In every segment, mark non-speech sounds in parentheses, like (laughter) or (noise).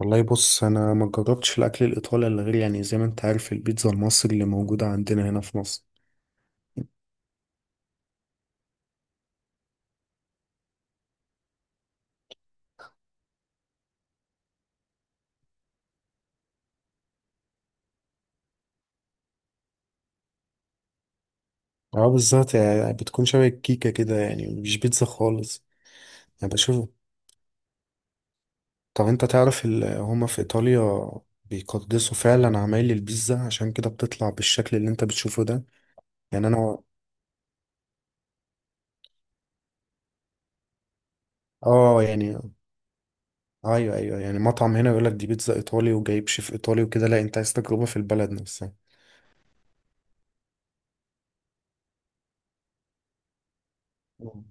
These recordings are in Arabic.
والله بص، انا ما جربتش الاكل الايطالي الا غير يعني زي ما انت عارف البيتزا المصري اللي موجوده عندنا هنا في مصر. اه، بالظبط يعني بتكون شبه الكيكه كده، يعني مش بيتزا خالص. يعني بشوف. طب انت تعرف هما في ايطاليا بيقدسوا فعلا عمايل البيتزا، عشان كده بتطلع بالشكل اللي انت بتشوفه ده. يعني انا، اه يعني ايوه ايوه، يعني مطعم هنا يقول لك دي بيتزا ايطالي وجايب شيف ايطالي وكده، لا انت عايز تجربه في البلد نفسها. مم.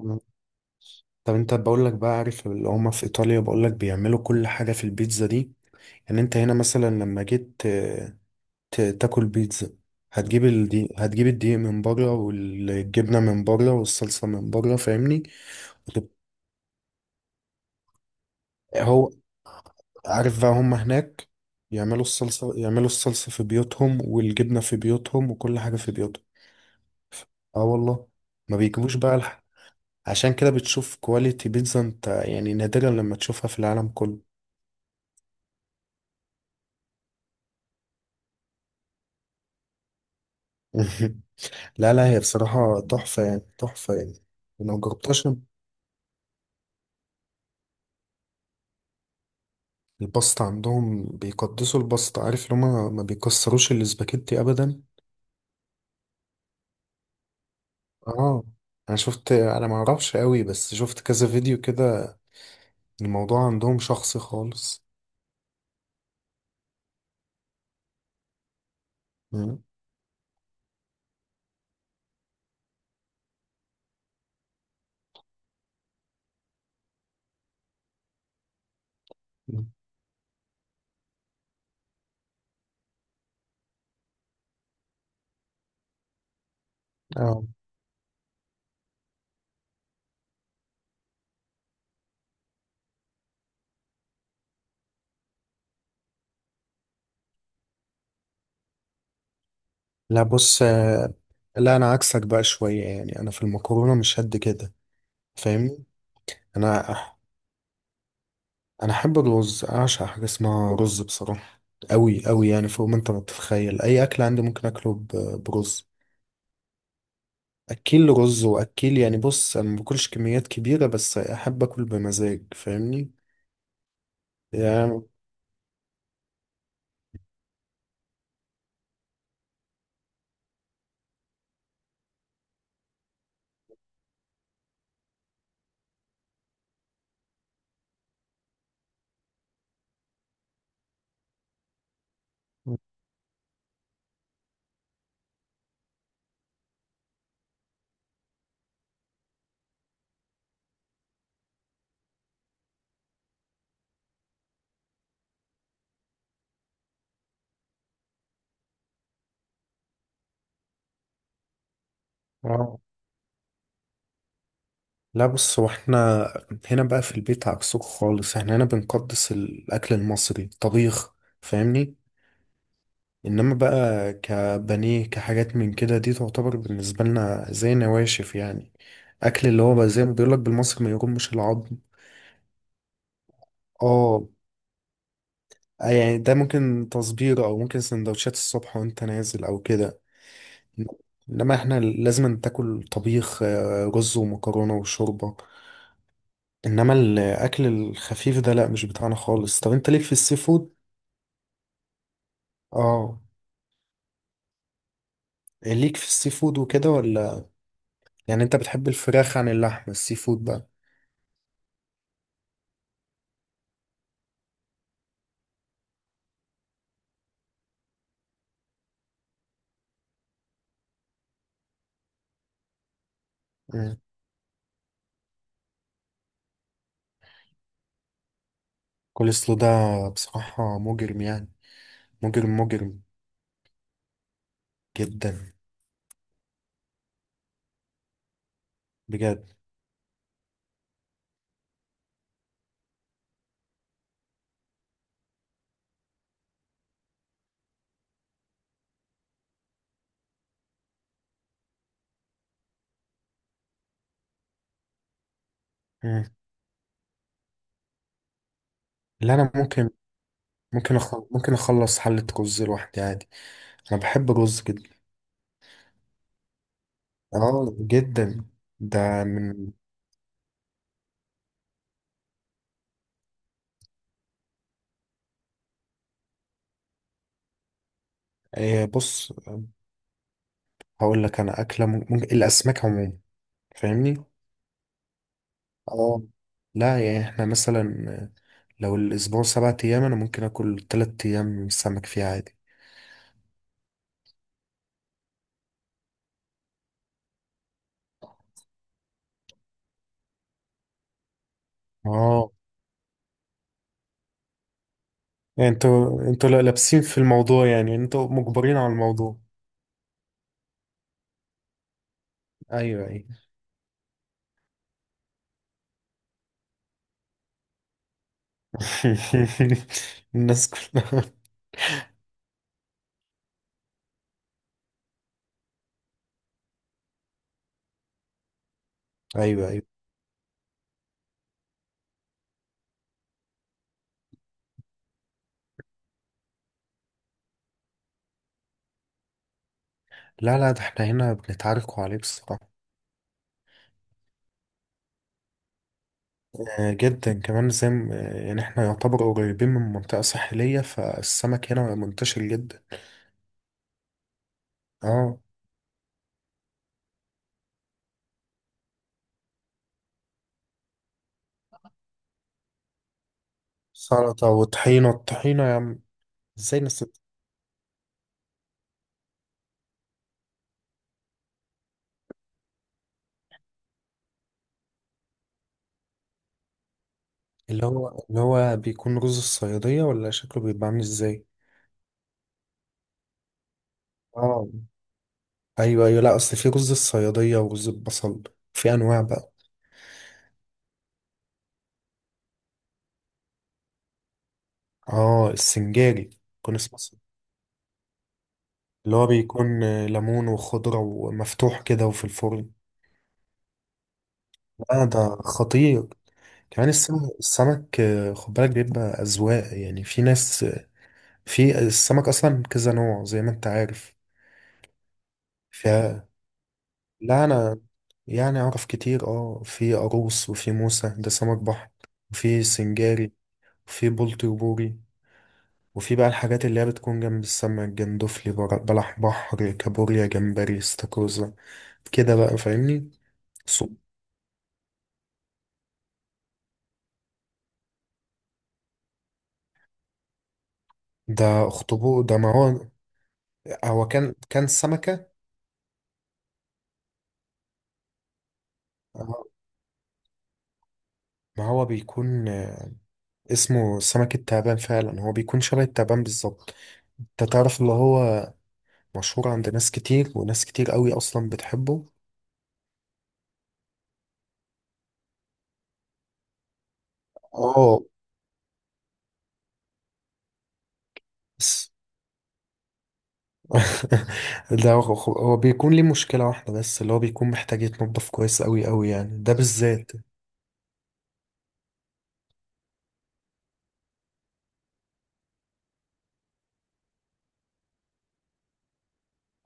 مم. طب انت بقول لك بقى، عارف اللي هما في ايطاليا بقول لك بيعملوا كل حاجه في البيتزا دي. يعني انت هنا مثلا لما جيت تاكل بيتزا. هتجيب الدقيق من بره والجبنه من بره والصلصه من بره، فاهمني؟ وتب- هو عارف بقى هما هناك يعملوا الصلصه في بيوتهم والجبنه في بيوتهم وكل حاجه في بيوتهم. اه والله، ما بيجيبوش بقى. عشان كده بتشوف كواليتي بيتزا انت يعني نادرا لما تشوفها في العالم كله. (laughs) لا لا، هي بصراحة تحفة يعني، تحفة يعني، لو مجربتهاش. الباستا عندهم بيقدسوا الباستا، عارف اللي هما ما بيكسروش الاسباجيتي أبدا. اه. أنا شفت، أنا معرفش قوي بس شفت كذا فيديو كده. الموضوع عندهم شخصي خالص. مم. اه، لا بص، لا أنا عكسك بقى شوية، يعني أنا في المكرونة مش قد كده، فاهمني؟ أنا احب الرز، اعشق حاجه اسمها رز بصراحه، قوي قوي يعني فوق ما انت ما تتخيل. اي اكل عندي ممكن اكله برز. اكل رز واكل، يعني بص، انا ما باكلش كميات كبيره، بس احب اكل بمزاج، فاهمني يعني. (laughs) آه. لا بص، هو احنا هنا بقى في البيت عكسكم خالص، احنا هنا بنقدس الاكل المصري الطبيخ، فاهمني؟ انما بقى كبانيه كحاجات من كده دي تعتبر بالنسبه لنا زي نواشف يعني، اكل اللي هو بقى زي ما بيقولك بالمصري ما يرمش العظم. اه يعني ده ممكن تصبير او ممكن سندوتشات الصبح وانت نازل او كده. انما احنا لازم تاكل طبيخ، رز ومكرونه وشوربه. انما الاكل الخفيف ده لا، مش بتاعنا خالص. طب انت ليك في السي فود؟ اه، ليك في السي فود وكده ولا؟ يعني انت بتحب الفراخ عن اللحم السي فود بقى؟ كل سلو ده بصراحة مجرم يعني، مجرم مجرم، جدا بجد. مم. اللي أنا ممكن ممكن أخلص ممكن أخلص حلة رز لوحدي عادي. أنا بحب الرز جدا، جدا. ده من إيه بص، هقول لك أنا أكلة ممكن الأسماك عموما، فاهمني؟ آه، لا يعني إحنا مثلا لو الأسبوع 7 أيام أنا ممكن آكل 3 أيام سمك فيه عادي. آه يعني انتوا لابسين في الموضوع، يعني انتوا مجبرين على الموضوع. ايوه ايوه. (laughs) الناس كلها ايوه ايوه. لا لا، ده احنا هنا بنتعاركوا عليه بصراحة. آه، جدا كمان، زي يعني احنا يعتبر قريبين من منطقة ساحلية، فالسمك هنا منتشر جدا. اه، سلطة وطحينة، الطحينة يا عم. ازاي نسيت؟ اللي هو بيكون رز الصيادية ولا شكله بيبقى عامل ازاي؟ اه ايوه ايوه، لا اصل في رز الصيادية ورز البصل، في انواع بقى. اه السنجاري كنا اسمه، اللي هو بيكون ليمون وخضرة ومفتوح كده وفي الفرن. لا ده خطير. كمان السمك السمك، خد بالك بيبقى أذواق، يعني في ناس، في السمك أصلا كذا نوع زي ما أنت عارف. ف لا أنا يعني أعرف كتير، أه، في قاروص وفي موسى، ده سمك بحر، وفي سنجاري وفي بلطي وبوري، وفي بقى الحاجات اللي هي بتكون جنب السمك: جندفلي، بلح بحر، كابوريا، جمبري، استاكوزا، كده بقى، فاهمني؟ ده اخطبوط، ده ما هو هو كان سمكة. آه، ما هو بيكون اسمه سمك التعبان فعلا، هو بيكون شبه التعبان بالظبط. انت تعرف اللي هو مشهور عند ناس كتير، وناس كتير قوي اصلا بتحبه. اه بس. (laughs) ده هو بيكون ليه مشكلة واحدة بس، اللي هو بيكون محتاج يتنضف كويس قوي قوي يعني، ده بالذات.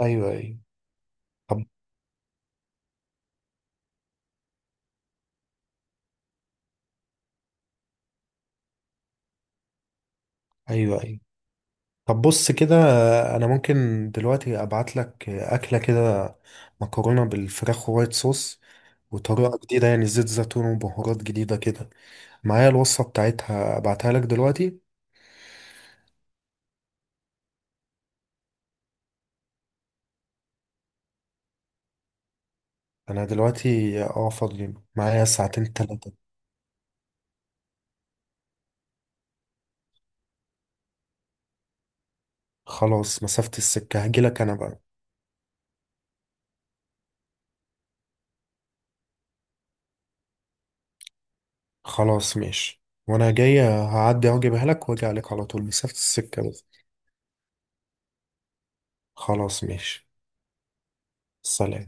ايوه ايوه. طب. ايوه ايوه. طب بص كده، انا ممكن دلوقتي ابعت لك اكله كده، مكرونه بالفراخ وايت صوص، وطريقه جديده يعني زيت زيتون وبهارات جديده كده. معايا الوصفه بتاعتها، ابعتها لك دلوقتي. انا دلوقتي اه فاضي، معايا ساعتين تلاتة. خلاص، مسافه السكه، هجيلك انا بقى. خلاص ماشي، وانا جاي هعدي اجيبها لك واجي عليك على طول، مسافه السكه بس. خلاص ماشي. سلام.